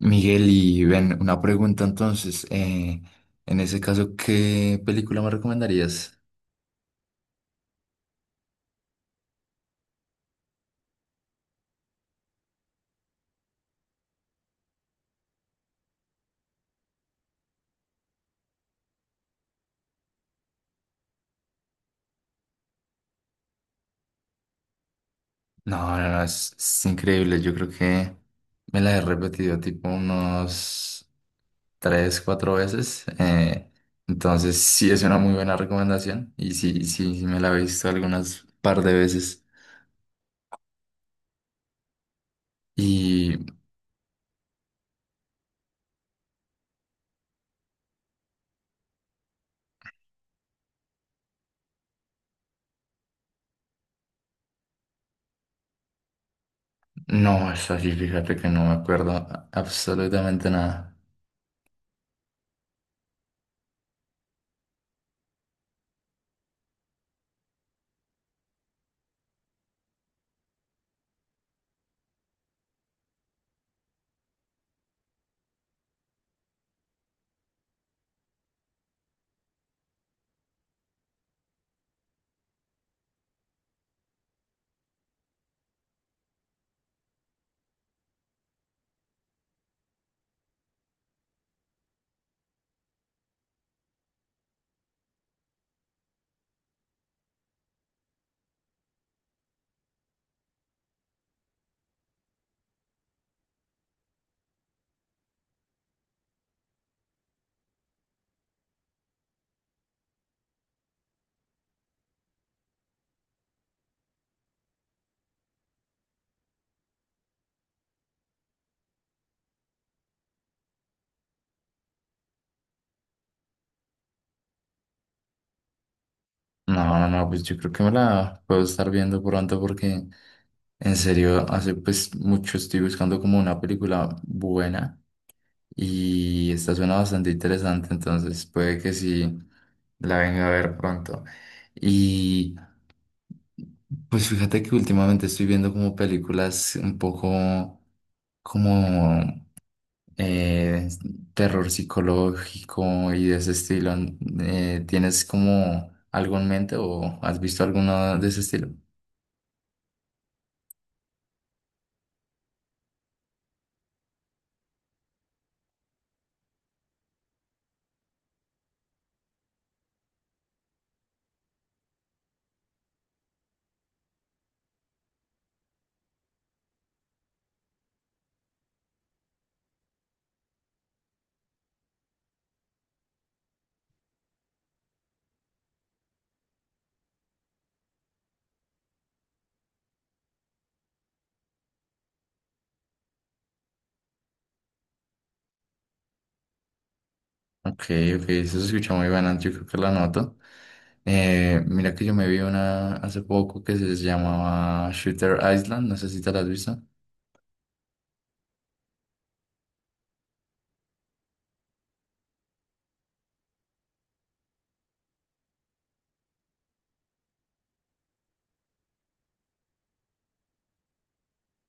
Miguel, y ven, una pregunta entonces. En ese caso, ¿qué película me recomendarías? No, no, no, es increíble. Yo creo que me la he repetido tipo unos tres, cuatro veces. Entonces, sí es una muy buena recomendación. Y sí, sí, sí, me la he visto algunas par de veces. Y no, es así, fíjate que no me acuerdo absolutamente nada. No, no, no, pues yo creo que me la puedo estar viendo pronto porque. En serio, hace pues mucho estoy buscando como una película buena y esta suena bastante interesante, entonces puede que sí la venga a ver pronto. Y pues fíjate que últimamente estoy viendo como películas un poco como eh, terror psicológico y de ese estilo. ¿Tienes como algo en mente o has visto alguna de ese estilo? Ok, ok, eso se escucha muy bueno, yo creo que la noto. Mira que yo me vi una hace poco que se llamaba Shooter Island, no sé si te la has visto.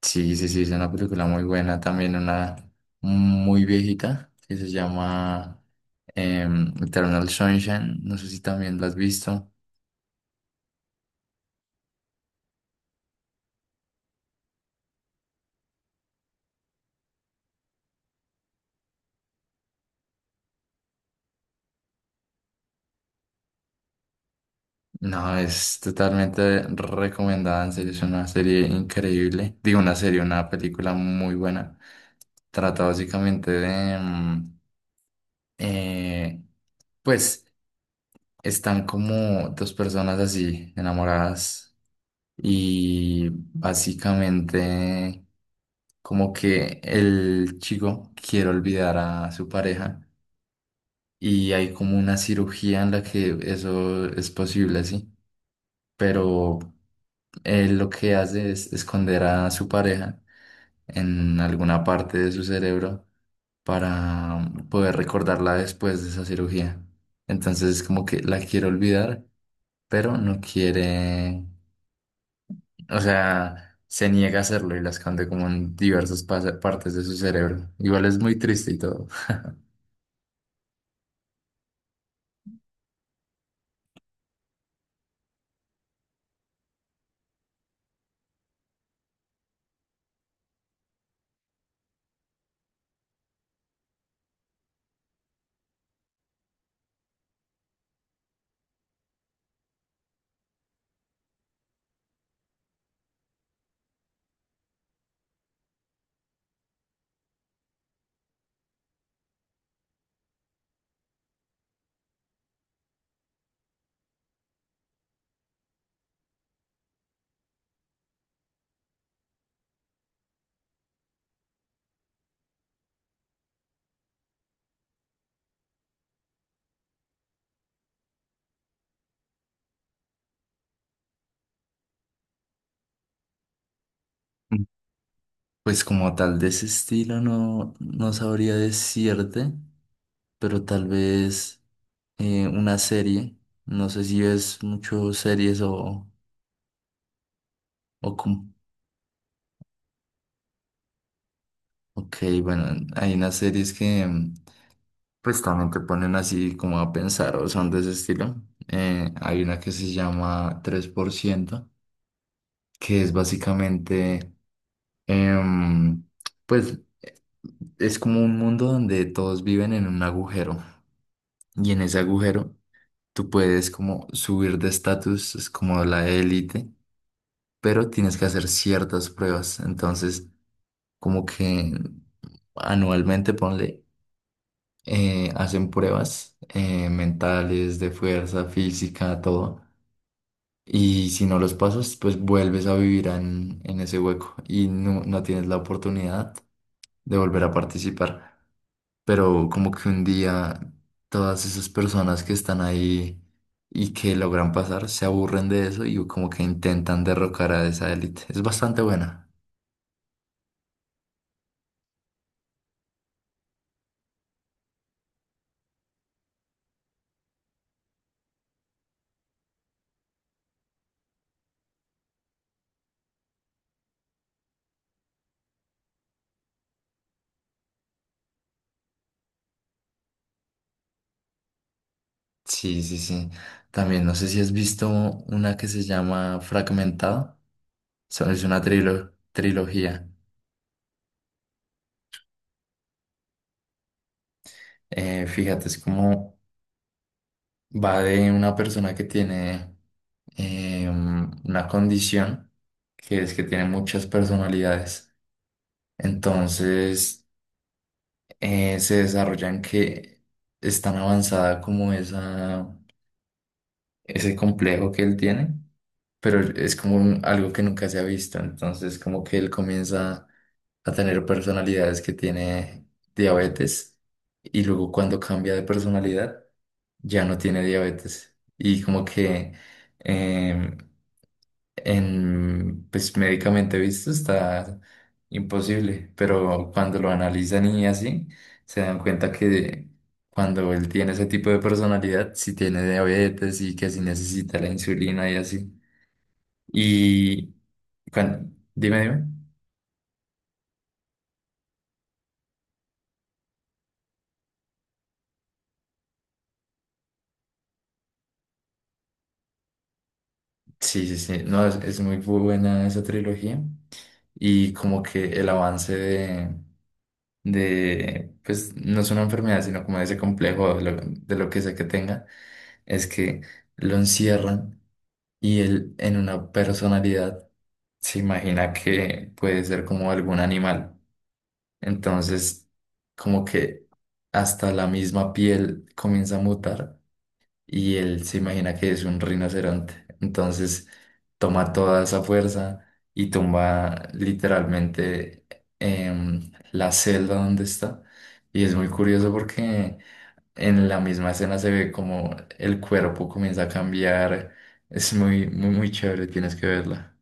Sí, sí, sí, es una película muy buena, también una muy viejita que se llama Eternal Sunshine, no sé si también la has visto. No, es totalmente recomendada, en serio, es una serie increíble. Digo, una serie, una película muy buena. Trata básicamente de, eh, pues están como dos personas así enamoradas y básicamente como que el chico quiere olvidar a su pareja y hay como una cirugía en la que eso es posible, sí, pero él lo que hace es esconder a su pareja en alguna parte de su cerebro para poder recordarla después de esa cirugía. Entonces es como que la quiere olvidar, pero no quiere, o sea, se niega a hacerlo y la esconde como en diversas partes de su cerebro. Igual es muy triste y todo. Mm. Pues como tal de ese estilo no, no sabría decirte, pero tal vez una serie. No sé si ves mucho series o. Ok, bueno, hay unas series que pues también te ponen así como a pensar o son de ese estilo. Hay una que se llama Tres por ciento, que es básicamente, em, pues es como un mundo donde todos viven en un agujero y en ese agujero tú puedes como subir de estatus, es como la élite, pero tienes que hacer ciertas pruebas. Entonces, como que anualmente ponle hacen pruebas mentales, de fuerza, física, todo. Y si no los pasas, pues vuelves a vivir en ese hueco y no, no tienes la oportunidad de volver a participar. Pero como que un día todas esas personas que están ahí y que logran pasar se aburren de eso y como que intentan derrocar a esa élite. Es bastante buena. Sí, sí, sí. También no sé si has visto una que se llama Fragmentado. Sea, es una trilogía. Fíjate, es como va de una persona que tiene una condición que es que tiene muchas personalidades. Entonces, se desarrollan que es tan avanzada como esa, ese complejo que él tiene, pero es como algo que nunca se ha visto, entonces como que él comienza a tener personalidades que tiene diabetes y luego cuando cambia de personalidad ya no tiene diabetes y como que em, pues médicamente visto está imposible, pero cuando lo analizan y así se dan cuenta que cuando él tiene ese tipo de personalidad, si tiene diabetes y que si necesita la insulina y así. Y dime, dime. Sí, sí, sí. No, es muy buena esa trilogía. Y como que el avance de, pues no es una enfermedad, sino como ese complejo de lo que sea que tenga, es que lo encierran y él en una personalidad se imagina que puede ser como algún animal. Entonces, como que hasta la misma piel comienza a mutar y él se imagina que es un rinoceronte. Entonces toma toda esa fuerza y tumba literalmente la celda donde está. Y es muy curioso porque en la misma escena se ve como el cuerpo comienza a cambiar. Es muy, muy, muy chévere, tienes que verla.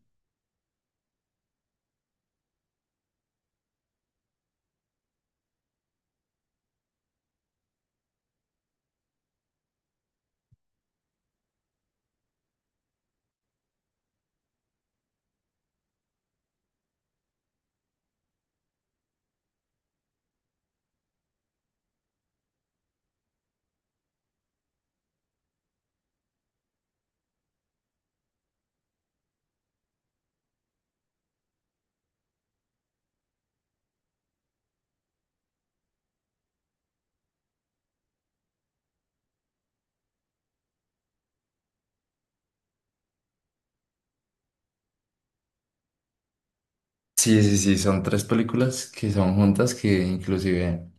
Sí, sí, sí, son tres películas que son juntas que inclusive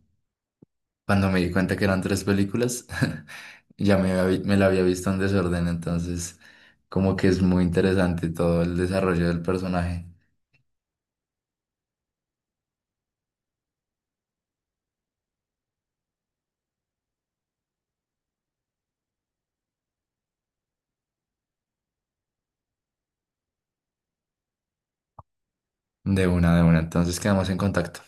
cuando me di cuenta que eran tres películas, me la había visto en desorden, entonces como que es muy interesante todo el desarrollo del personaje. De una, entonces quedamos en contacto.